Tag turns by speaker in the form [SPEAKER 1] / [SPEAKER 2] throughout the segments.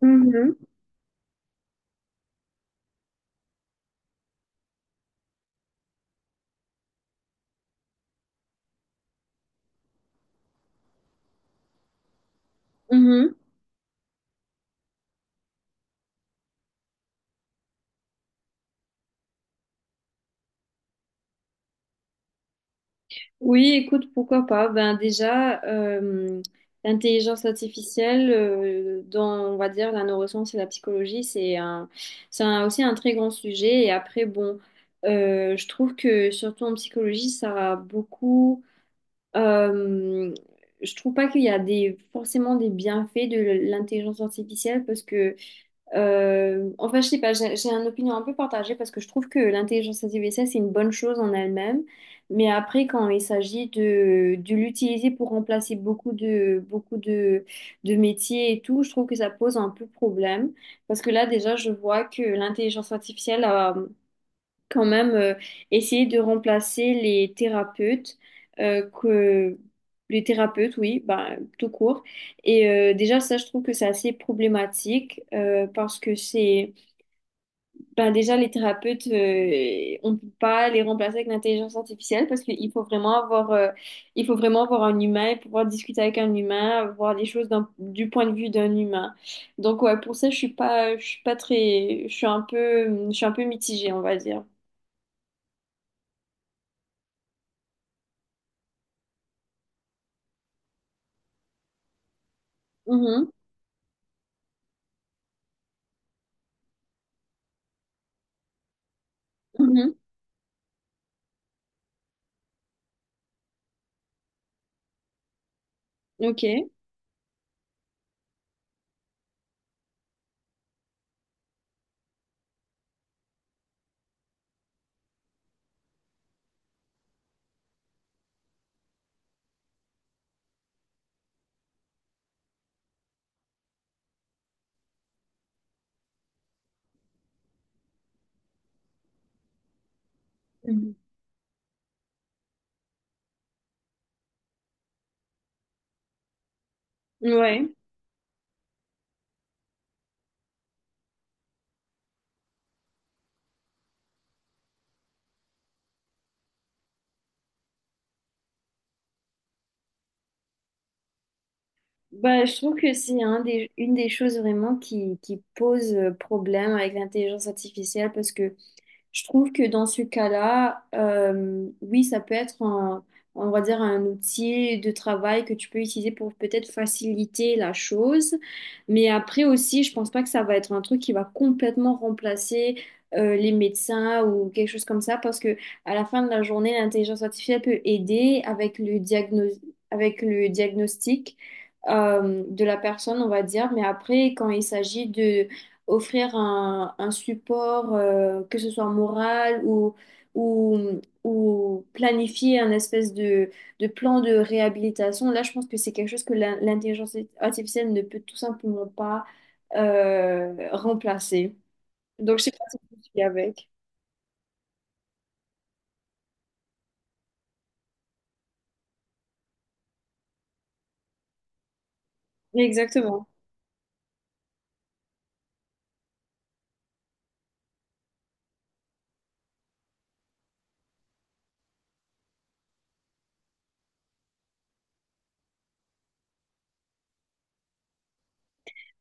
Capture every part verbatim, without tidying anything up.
[SPEAKER 1] Mhm, mhm. Oui, écoute, pourquoi pas? Ben déjà, euh, l'intelligence artificielle, euh, dans, on va dire, la neuroscience et la psychologie, c'est un, c'est un- aussi un très grand sujet. Et après, bon, euh, je trouve que surtout en psychologie, ça a beaucoup. euh, je trouve pas qu'il y a des, forcément des bienfaits de l'intelligence artificielle parce que Euh, enfin, je sais pas, j'ai j'ai une opinion un peu partagée parce que je trouve que l'intelligence artificielle, c'est une bonne chose en elle-même. Mais après, quand il s'agit de, de l'utiliser pour remplacer beaucoup de, beaucoup de, de métiers et tout, je trouve que ça pose un peu problème. Parce que là, déjà, je vois que l'intelligence artificielle, euh, quand même euh, essayer de remplacer les thérapeutes euh, que les thérapeutes, oui, bah, tout court. Et euh, déjà ça, je trouve que c'est assez problématique, euh, parce que c'est, ben, déjà les thérapeutes, euh, on peut pas les remplacer avec l'intelligence artificielle parce qu'il faut vraiment avoir euh, il faut vraiment avoir un humain et pouvoir discuter avec un humain, voir les choses d'un- du point de vue d'un humain. Donc ouais, pour ça, je suis pas je suis pas très je suis un peu je suis un peu mitigée, on va dire. Mhm. Ok. Mhm. Ouais. Bah, je trouve que c'est un des, une des choses vraiment qui, qui pose, euh, problème avec l'intelligence artificielle parce que je trouve que dans ce cas-là, euh, oui, ça peut être un, on va dire un outil de travail que tu peux utiliser pour peut-être faciliter la chose. Mais après aussi, je pense pas que ça va être un truc qui va complètement remplacer euh, les médecins ou quelque chose comme ça, parce que à la fin de la journée, l'intelligence artificielle peut aider avec le diagno- avec le diagnostic euh, de la personne, on va dire, mais après, quand il s'agit de offrir un, un support, euh, que ce soit moral ou, ou, ou planifier un espèce de, de plan de réhabilitation. Là, je pense que c'est quelque chose que l'in- l'intelligence artificielle ne peut tout simplement pas euh, remplacer. Donc, je sais pas si je suis avec. Exactement.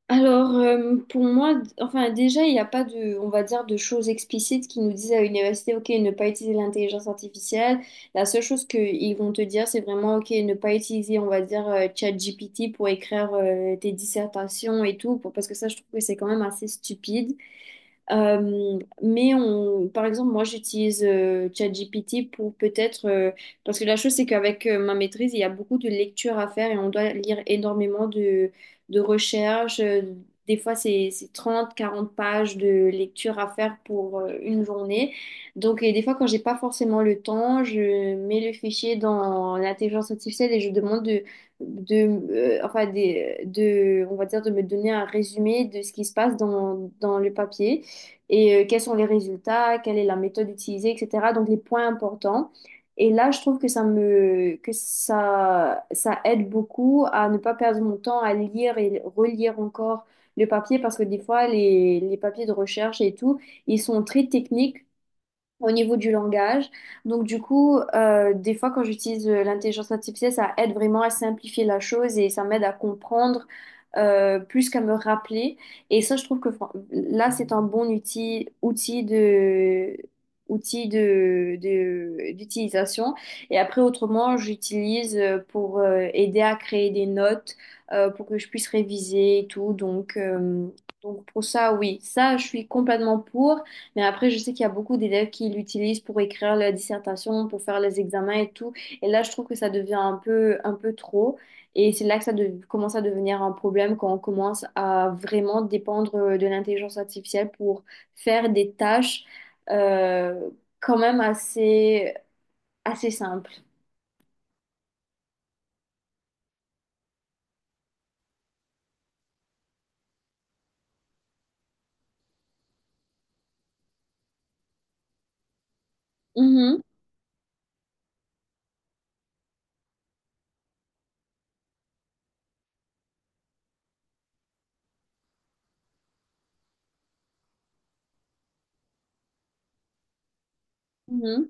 [SPEAKER 1] Alors, euh, pour moi, d- enfin, déjà, il n'y a pas de, on va dire, de choses explicites qui nous disent à l'université, OK, ne pas utiliser l'intelligence artificielle. La seule chose qu'ils vont te dire, c'est vraiment, OK, ne pas utiliser, on va dire, euh, ChatGPT pour écrire euh, tes dissertations et tout, pour- parce que ça, je trouve que c'est quand même assez stupide. Euh, mais on, par exemple, moi, j'utilise euh, ChatGPT pour peut-être, euh, parce que la chose, c'est qu'avec euh, ma maîtrise, il y a beaucoup de lectures à faire et on doit lire énormément de, de recherches. Euh, Des fois, c'est, c'est trente, quarante pages de lecture à faire pour euh, une journée. Donc, et des fois, quand j'ai pas forcément le temps, je mets le fichier dans l'intelligence artificielle et je demande de, de, euh, enfin, des, de, on va dire, de me donner un résumé de ce qui se passe dans, dans le papier et euh, quels sont les résultats, quelle est la méthode utilisée, et cetera. Donc les points importants. Et là, je trouve que ça me, que ça, ça aide beaucoup à ne pas perdre mon temps à lire et relire encore le papier parce que des fois, les, les papiers de recherche et tout, ils sont très techniques au niveau du langage. Donc du coup, euh, des fois quand j'utilise euh, l'intelligence artificielle, ça aide vraiment à simplifier la chose et ça m'aide à comprendre euh, plus qu'à me rappeler. Et ça, je trouve que fran- là, c'est un bon outil, outil de outil de, de- d'utilisation. Et après, autrement, j'utilise euh, pour euh, aider à créer des notes, euh, pour que je puisse réviser et tout. Donc, euh, donc pour ça, oui, ça, je suis complètement pour. Mais après, je sais qu'il y a beaucoup d'élèves qui l'utilisent pour écrire leur dissertation, pour faire les examens et tout. Et là, je trouve que ça devient un peu, un peu trop. Et c'est là que ça de- commence à devenir un problème quand on commence à vraiment dépendre euh, de l'intelligence artificielle pour faire des tâches euh, quand même assez, assez simples. Mhm, mhm.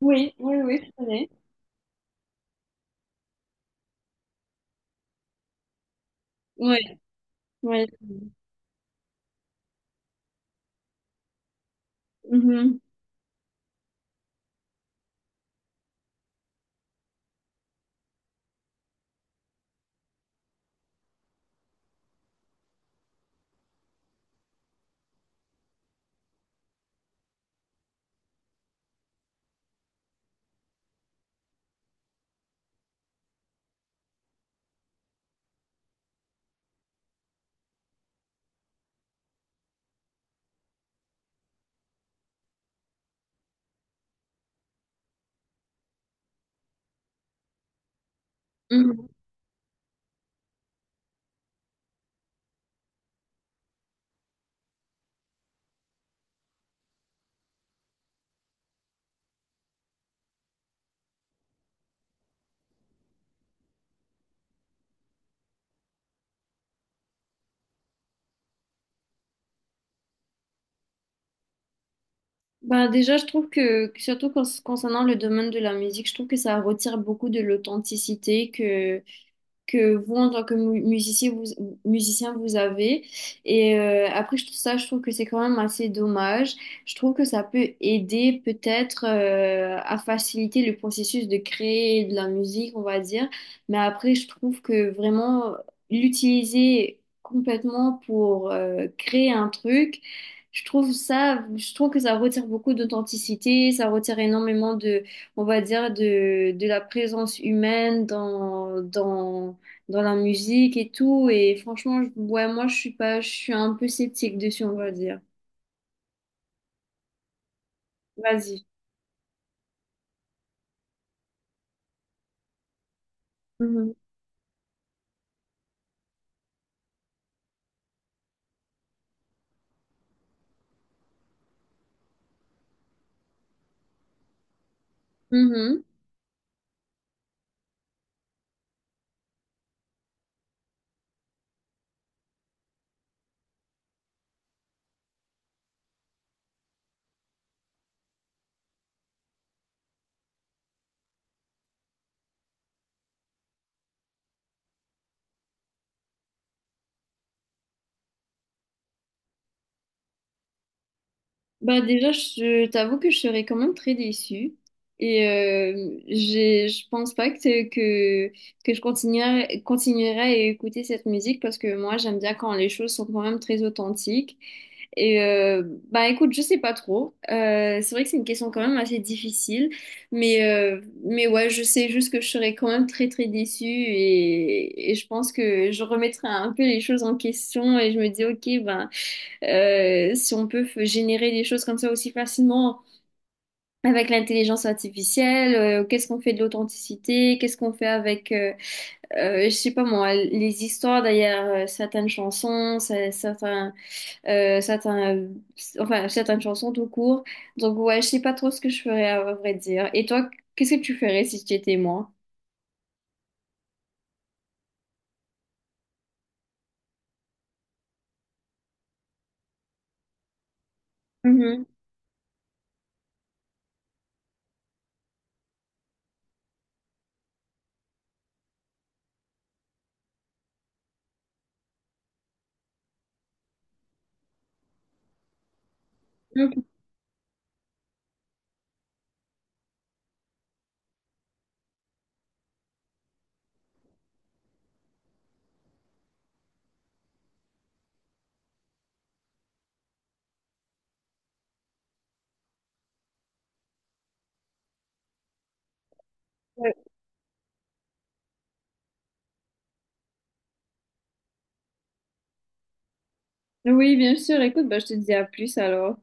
[SPEAKER 1] Oui, oui, oui, je connais. Oui, oui. Mhm, mhm. Bah déjà, je trouve que, surtout con- concernant le domaine de la musique, je trouve que ça retire beaucoup de l'authenticité que, que vous, en tant que mu- musicien, vous, musicien, vous avez. Et euh, après, je trouve ça, je trouve que c'est quand même assez dommage. Je trouve que ça peut aider peut-être euh, à faciliter le processus de créer de la musique, on va dire. Mais après, je trouve que vraiment l'utiliser complètement pour euh, créer un truc, je trouve ça, je trouve que ça retire beaucoup d'authenticité, ça retire énormément de, on va dire, de, de la présence humaine dans, dans, dans la musique et tout. Et franchement, je- ouais, moi, je suis pas, je suis un peu sceptique dessus, on va dire. Vas-y. Mhm. Mhm. Bah déjà, je t'avoue que je serais quand même très déçue. Et euh, j'ai- je pense pas que, que, que je continuerai, continuerai à écouter cette musique parce que moi, j'aime bien quand les choses sont quand même très authentiques. Et euh, bah écoute, je sais pas trop. Euh, c'est vrai que c'est une question quand même assez difficile. Mais, euh, mais ouais, je sais juste que je serais quand même très très déçue et, et je pense que je remettrai un peu les choses en question et je me dis, ok, ben. Euh, si on peut f- générer des choses comme ça aussi facilement avec l'intelligence artificielle, euh, qu'est-ce qu'on fait de l'authenticité, qu'est-ce qu'on fait avec, euh, euh, je sais pas moi, les histoires derrière euh, certaines chansons, ce- certains, euh, certains, euh, enfin certaines chansons tout court. Donc ouais, je sais pas trop ce que je ferais à vrai dire. Et toi, qu'est-ce que tu ferais si tu étais moi? Mhm. Donc, euh, Oui, bien sûr. Écoute, bah, je te dis à plus alors.